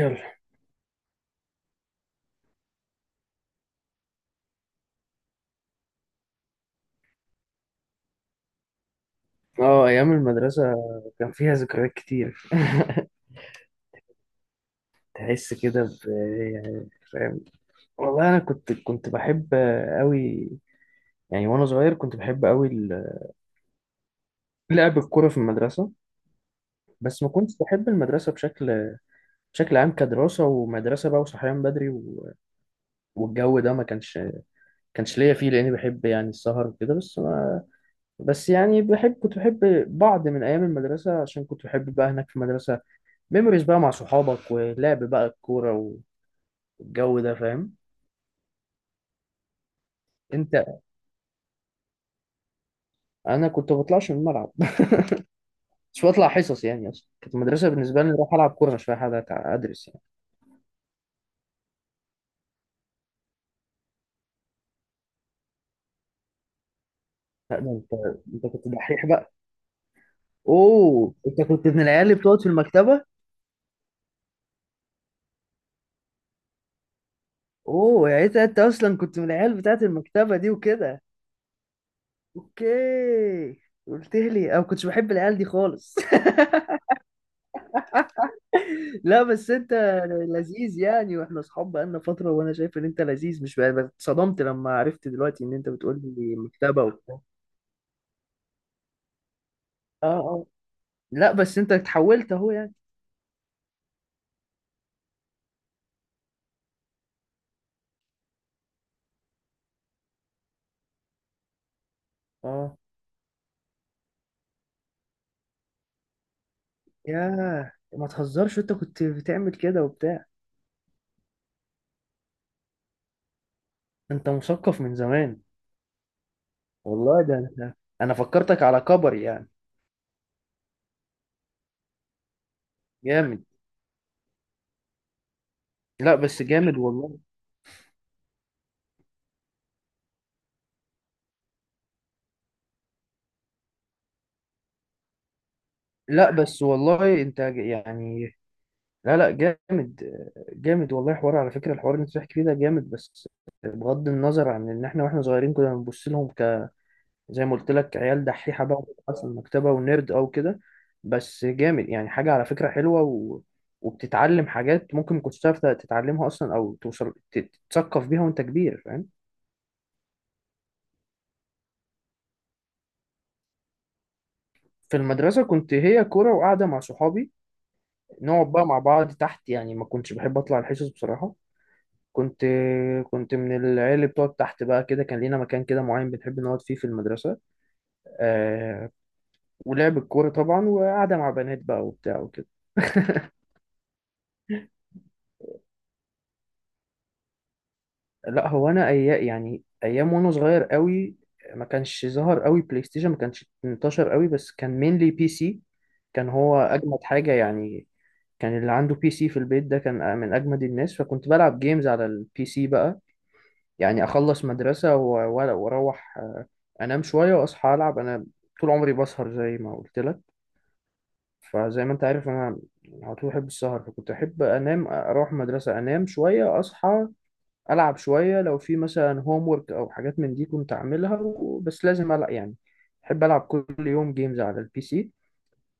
يلا. اه، ايام المدرسه كان فيها ذكريات كتير. تحس كده ب، يعني فاهم. والله انا كنت بحب قوي. يعني وانا صغير كنت بحب قوي لعب الكوره في المدرسه. بس ما كنتش بحب المدرسه بشكل عام، كدراسه ومدرسه بقى، وصحيان بدري و... والجو ده ما كانش كانش ليا فيه، لاني بحب يعني السهر وكده، بس ما... بس يعني كنت بحب بعض من ايام المدرسه، عشان كنت بحب بقى هناك في المدرسه، ميموريز بقى مع صحابك ولعب بقى الكوره، الجو ده فاهم. انت، انا كنت بطلعش من الملعب. مش بطلع حصص يعني، اصلا كانت المدرسه بالنسبه لي اروح العب كوره، مش رايح أقعد ادرس يعني. لا، ده انت، انت كنت دحيح بقى. اوه، انت كنت من العيال اللي بتقعد في المكتبه. اوه يعني انت، انت اصلا كنت من العيال بتاعت المكتبه دي وكده. اوكي. قلت لي انا ما كنتش بحب العيال دي خالص. لا بس انت لذيذ يعني، واحنا اصحاب بقالنا فتره وانا شايف ان انت لذيذ، مش بقى- بقى اتصدمت لما عرفت دلوقتي ان انت بتقول لي مكتبه وبتاع. اه. لا بس انت اتحولت اهو يعني. اه. ياه، ما تهزرش، انت كنت بتعمل كده وبتاع؟ انت مثقف من زمان. والله، ده انت، انا فكرتك على كبر يعني. جامد. لا بس جامد والله. لا بس والله انت يعني، لا جامد، جامد والله. حوار على فكرة، الحوار اللي انت بتحكي فيه ده جامد، بس بغض النظر عن ان احنا، واحنا صغيرين كنا بنبص لهم زي ما قلت لك عيال دحيحه بقى، بتبحث عن المكتبه ونيرد او كده. بس جامد يعني، حاجه على فكره حلوه و... وبتتعلم حاجات ممكن ما كنتش تعرف تتعلمها اصلا، او توصل تتثقف بيها وانت كبير، فاهم. في المدرسه كنت هي كوره وقاعده مع صحابي، نقعد بقى مع بعض تحت يعني، ما كنتش بحب اطلع الحصص بصراحه. كنت كنت من العيال اللي بتقعد تحت بقى كده. كان لينا مكان كده معين بنحب نقعد فيه في المدرسه، آه... ولعب الكوره طبعا، وقاعده مع بنات بقى وبتاع وكده. لا هو انا ايام، يعني ايام وانا صغير قوي ما كانش ظهر قوي بلاي ستيشن، ما كانش انتشر قوي، بس كان مينلي بي سي. كان هو اجمد حاجه يعني. كان اللي عنده بي سي في البيت ده كان من اجمد الناس، فكنت بلعب جيمز على البي سي بقى. يعني اخلص مدرسه واروح، انام شويه واصحى العب. انا طول عمري بسهر زي ما قلت لك، فزي ما انت عارف انا على طول بحب السهر، فكنت احب انام، اروح مدرسه، انام شويه، اصحى العب شويه. لو في مثلا هوم ورك او حاجات من دي كنت اعملها بس لازم العب يعني، بحب العب كل يوم جيمز على البي سي.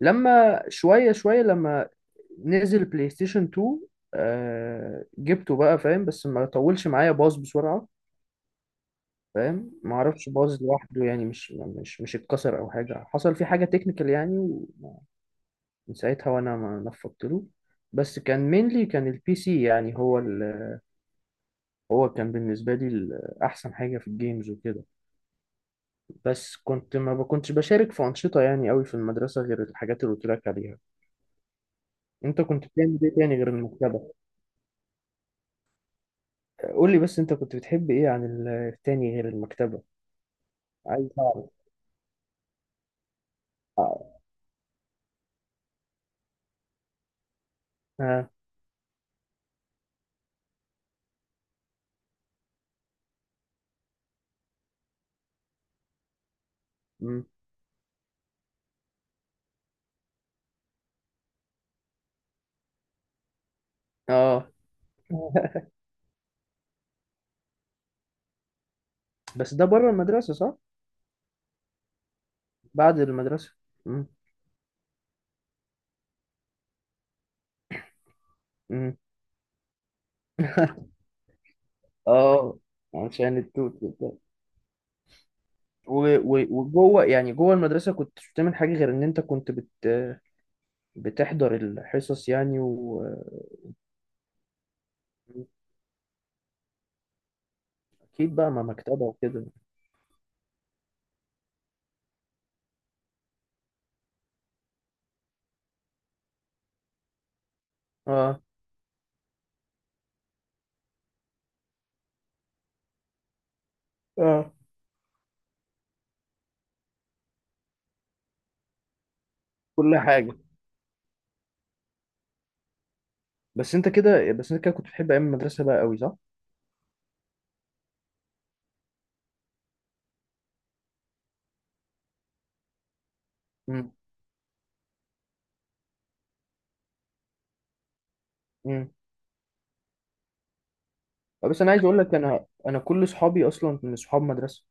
لما شويه شويه، لما نزل بلاي ستيشن 2، آه جبته بقى، فاهم، بس ما طولش معايا، باظ بسرعه. فاهم، ما اعرفش باظ لوحده يعني، مش اتكسر او حاجه، حصل فيه حاجه تكنيكال يعني، ومن ساعتها وانا ما نفضت له. بس كان مينلي، كان البي سي يعني، هو كان بالنسبه لي احسن حاجه في الجيمز وكده. بس ما بكنتش بشارك في أنشطة يعني قوي في المدرسة، غير الحاجات اللي قلت لك عليها. انت كنت بتعمل ايه تاني غير المكتبة؟ قول لي بس انت كنت بتحب ايه عن التاني غير المكتبة؟ عايز اعرف. اه. اه. مم. آه. بس ده بره المدرسة، صح؟ بعد المدرسة. مم. مم. اه، عشان التوت وبتاع. وجوه يعني جوه المدرسة كنت بتعمل حاجة غير ان انت كنت بتحضر الحصص يعني، واكيد بقى مع مكتبة وكده. اه. اه. كل حاجه. بس انت كده كنت بتحب ايام المدرسه بقى قوي، صح؟ امم. امم. بس انا عايز اقول لك، انا كل اصحابي اصلا من اصحاب مدرسه.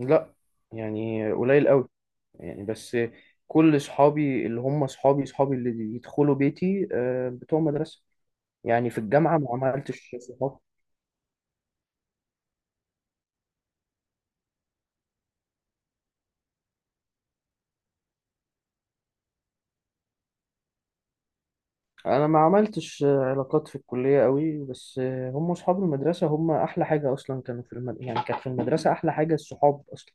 لا، يعني قليل قوي يعني، بس كل اصحابي اللي هم اصحابي، اصحابي اللي يدخلوا بيتي بتوع مدرسه. يعني في الجامعه ما عملتش صحاب. انا ما عملتش علاقات في الكليه قوي، بس هم اصحاب المدرسه هم احلى حاجه اصلا. كانوا يعني كانت في المدرسه احلى حاجه الصحاب اصلا.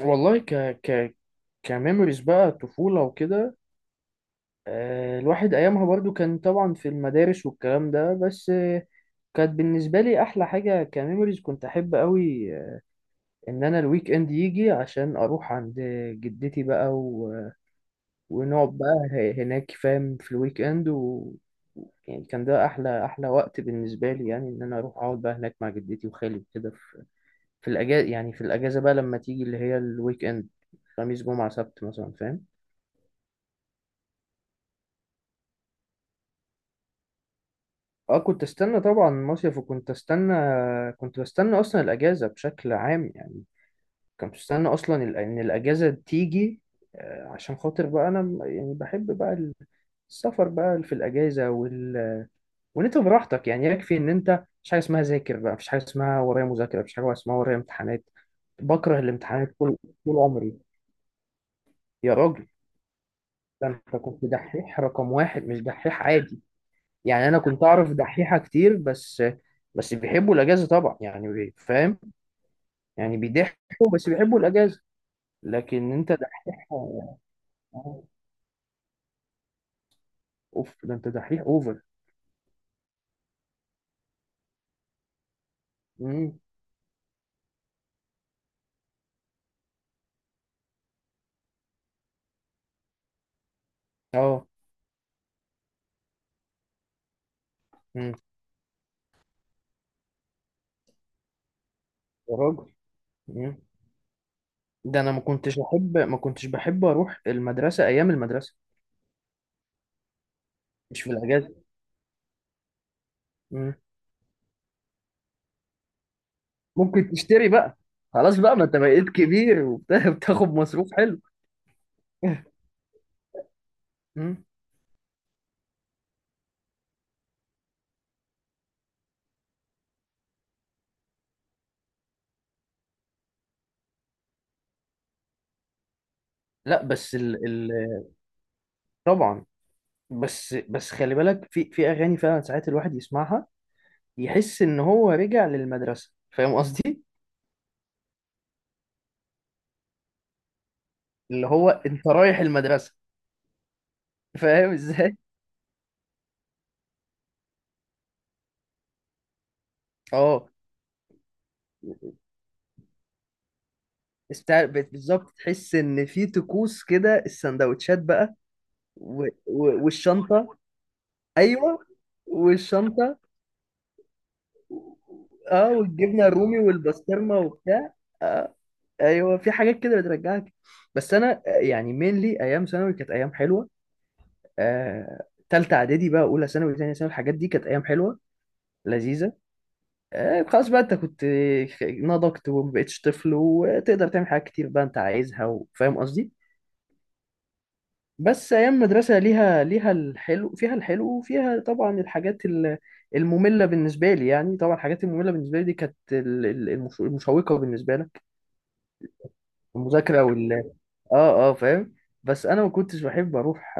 والله ك ك كميموريز بقى طفولة وكده، الواحد أيامها برضو كان طبعا في المدارس والكلام ده، بس كانت بالنسبة لي أحلى حاجة كميموريز. كنت أحب أوي إن أنا الويك إند يجي عشان أروح عند جدتي بقى و... ونقعد بقى هناك، فاهم، في الويك إند و... يعني كان ده أحلى أحلى وقت بالنسبة لي، يعني إن أنا أروح أقعد بقى هناك مع جدتي وخالي كده في، في الأجازة. يعني في الأجازة بقى لما تيجي اللي هي الويك إند، خميس جمعة سبت مثلا، فاهم. اه، كنت استنى طبعا مصيف، وكنت استنى، كنت بستنى اصلا الاجازه بشكل عام يعني. كنت بستنى اصلا ان الاجازه تيجي، عشان خاطر بقى يعني بحب بقى السفر بقى في الاجازه وال... وان انت براحتك يعني، يكفي ان انت مش حاجه اسمها ذاكر بقى، مفيش حاجه اسمها ورايا مذاكره، مفيش حاجه اسمها ورايا امتحانات. بكره الامتحانات، طول عمري. يا راجل، ده انت كنت دحيح رقم واحد، مش دحيح عادي. يعني انا كنت اعرف دحيحه كتير بس، بس بيحبوا الاجازه طبعا يعني، فاهم، يعني بيضحكوا بس بيحبوا الاجازه. لكن انت دحيح اوف، ده انت دحيح اوفر. امم. اه. امم. يا راجل. امم. ده انا ما كنتش بحب اروح المدرسه ايام المدرسه، مش في الاجازه. امم. ممكن تشتري بقى. خلاص بقى، ما انت بقيت كبير وبتاخد مصروف حلو. امم. لا بس ال... ال... طبعا. بس بس خلي بالك، في في اغاني فعلا ساعات الواحد يسمعها يحس ان هو رجع للمدرسه، فاهم قصدي، اللي هو انت رايح المدرسه. فاهم ازاي. اه، بالظبط، تحس ان في طقوس كده، السندوتشات بقى و... و... والشنطه. ايوه، والشنطه. اه، والجبنه الرومي والبسطرمه وبتاع. آه. ايوه في حاجات كده بترجعك. بس انا يعني مينلي ايام ثانوي كانت ايام حلوه. تالتة إعدادي بقى، أولى ثانوي، تانية ثانوي، الحاجات دي كانت أيام حلوة لذيذة. خلاص بقى، أنت كنت نضجت ومبقتش طفل، وتقدر تعمل حاجات كتير بقى أنت عايزها، وفاهم قصدي. بس أيام مدرسة ليها، ليها الحلو وفيها طبعا الحاجات المملة بالنسبة لي يعني. طبعا الحاجات المملة بالنسبة لي دي كانت المشوقة بالنسبة لك، المذاكرة وال، آه آه فاهم. بس أنا ما كنتش بحب أروح،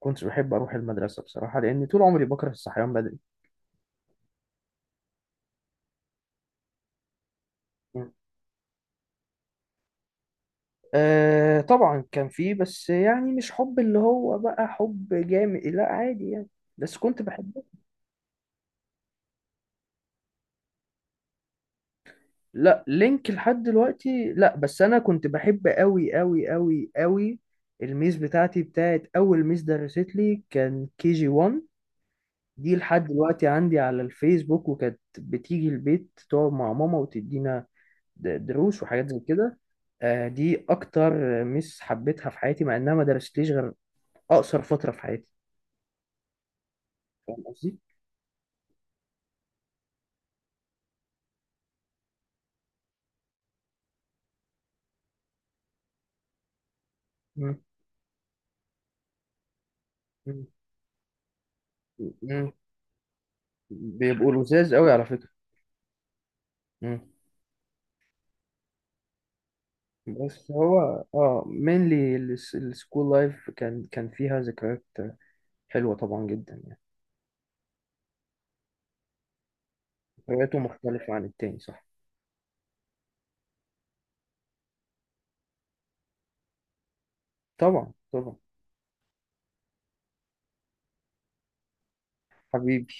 كنتش بحب أروح المدرسة بصراحة، لأن طول عمري بكره الصحيان بدري. آه طبعا كان فيه، بس يعني مش حب اللي هو بقى حب جامد، لا عادي يعني، بس كنت بحبه. لا، لينك لحد دلوقتي؟ لا، بس انا كنت بحب قوي قوي قوي قوي الميس بتاعتي، بتاعت اول ميس درست لي، كان كي جي 1. دي لحد دلوقتي عندي على الفيسبوك، وكانت بتيجي البيت تقعد مع ماما وتدينا دروس وحاجات زي كده. آه، دي اكتر ميس حبيتها في حياتي، مع انها ما درستليش غير اقصر فترة في حياتي، فاهم قصدي؟ مم. مم. بيبقوا لذاذ قوي على فكرة. مم. بس هو، اه مينلي السكول لايف كان، كان فيها ذكريات حلوة طبعا جدا يعني. ذكرياته مختلفة عن التاني، صح. طبعا، طبعا. حبيبي.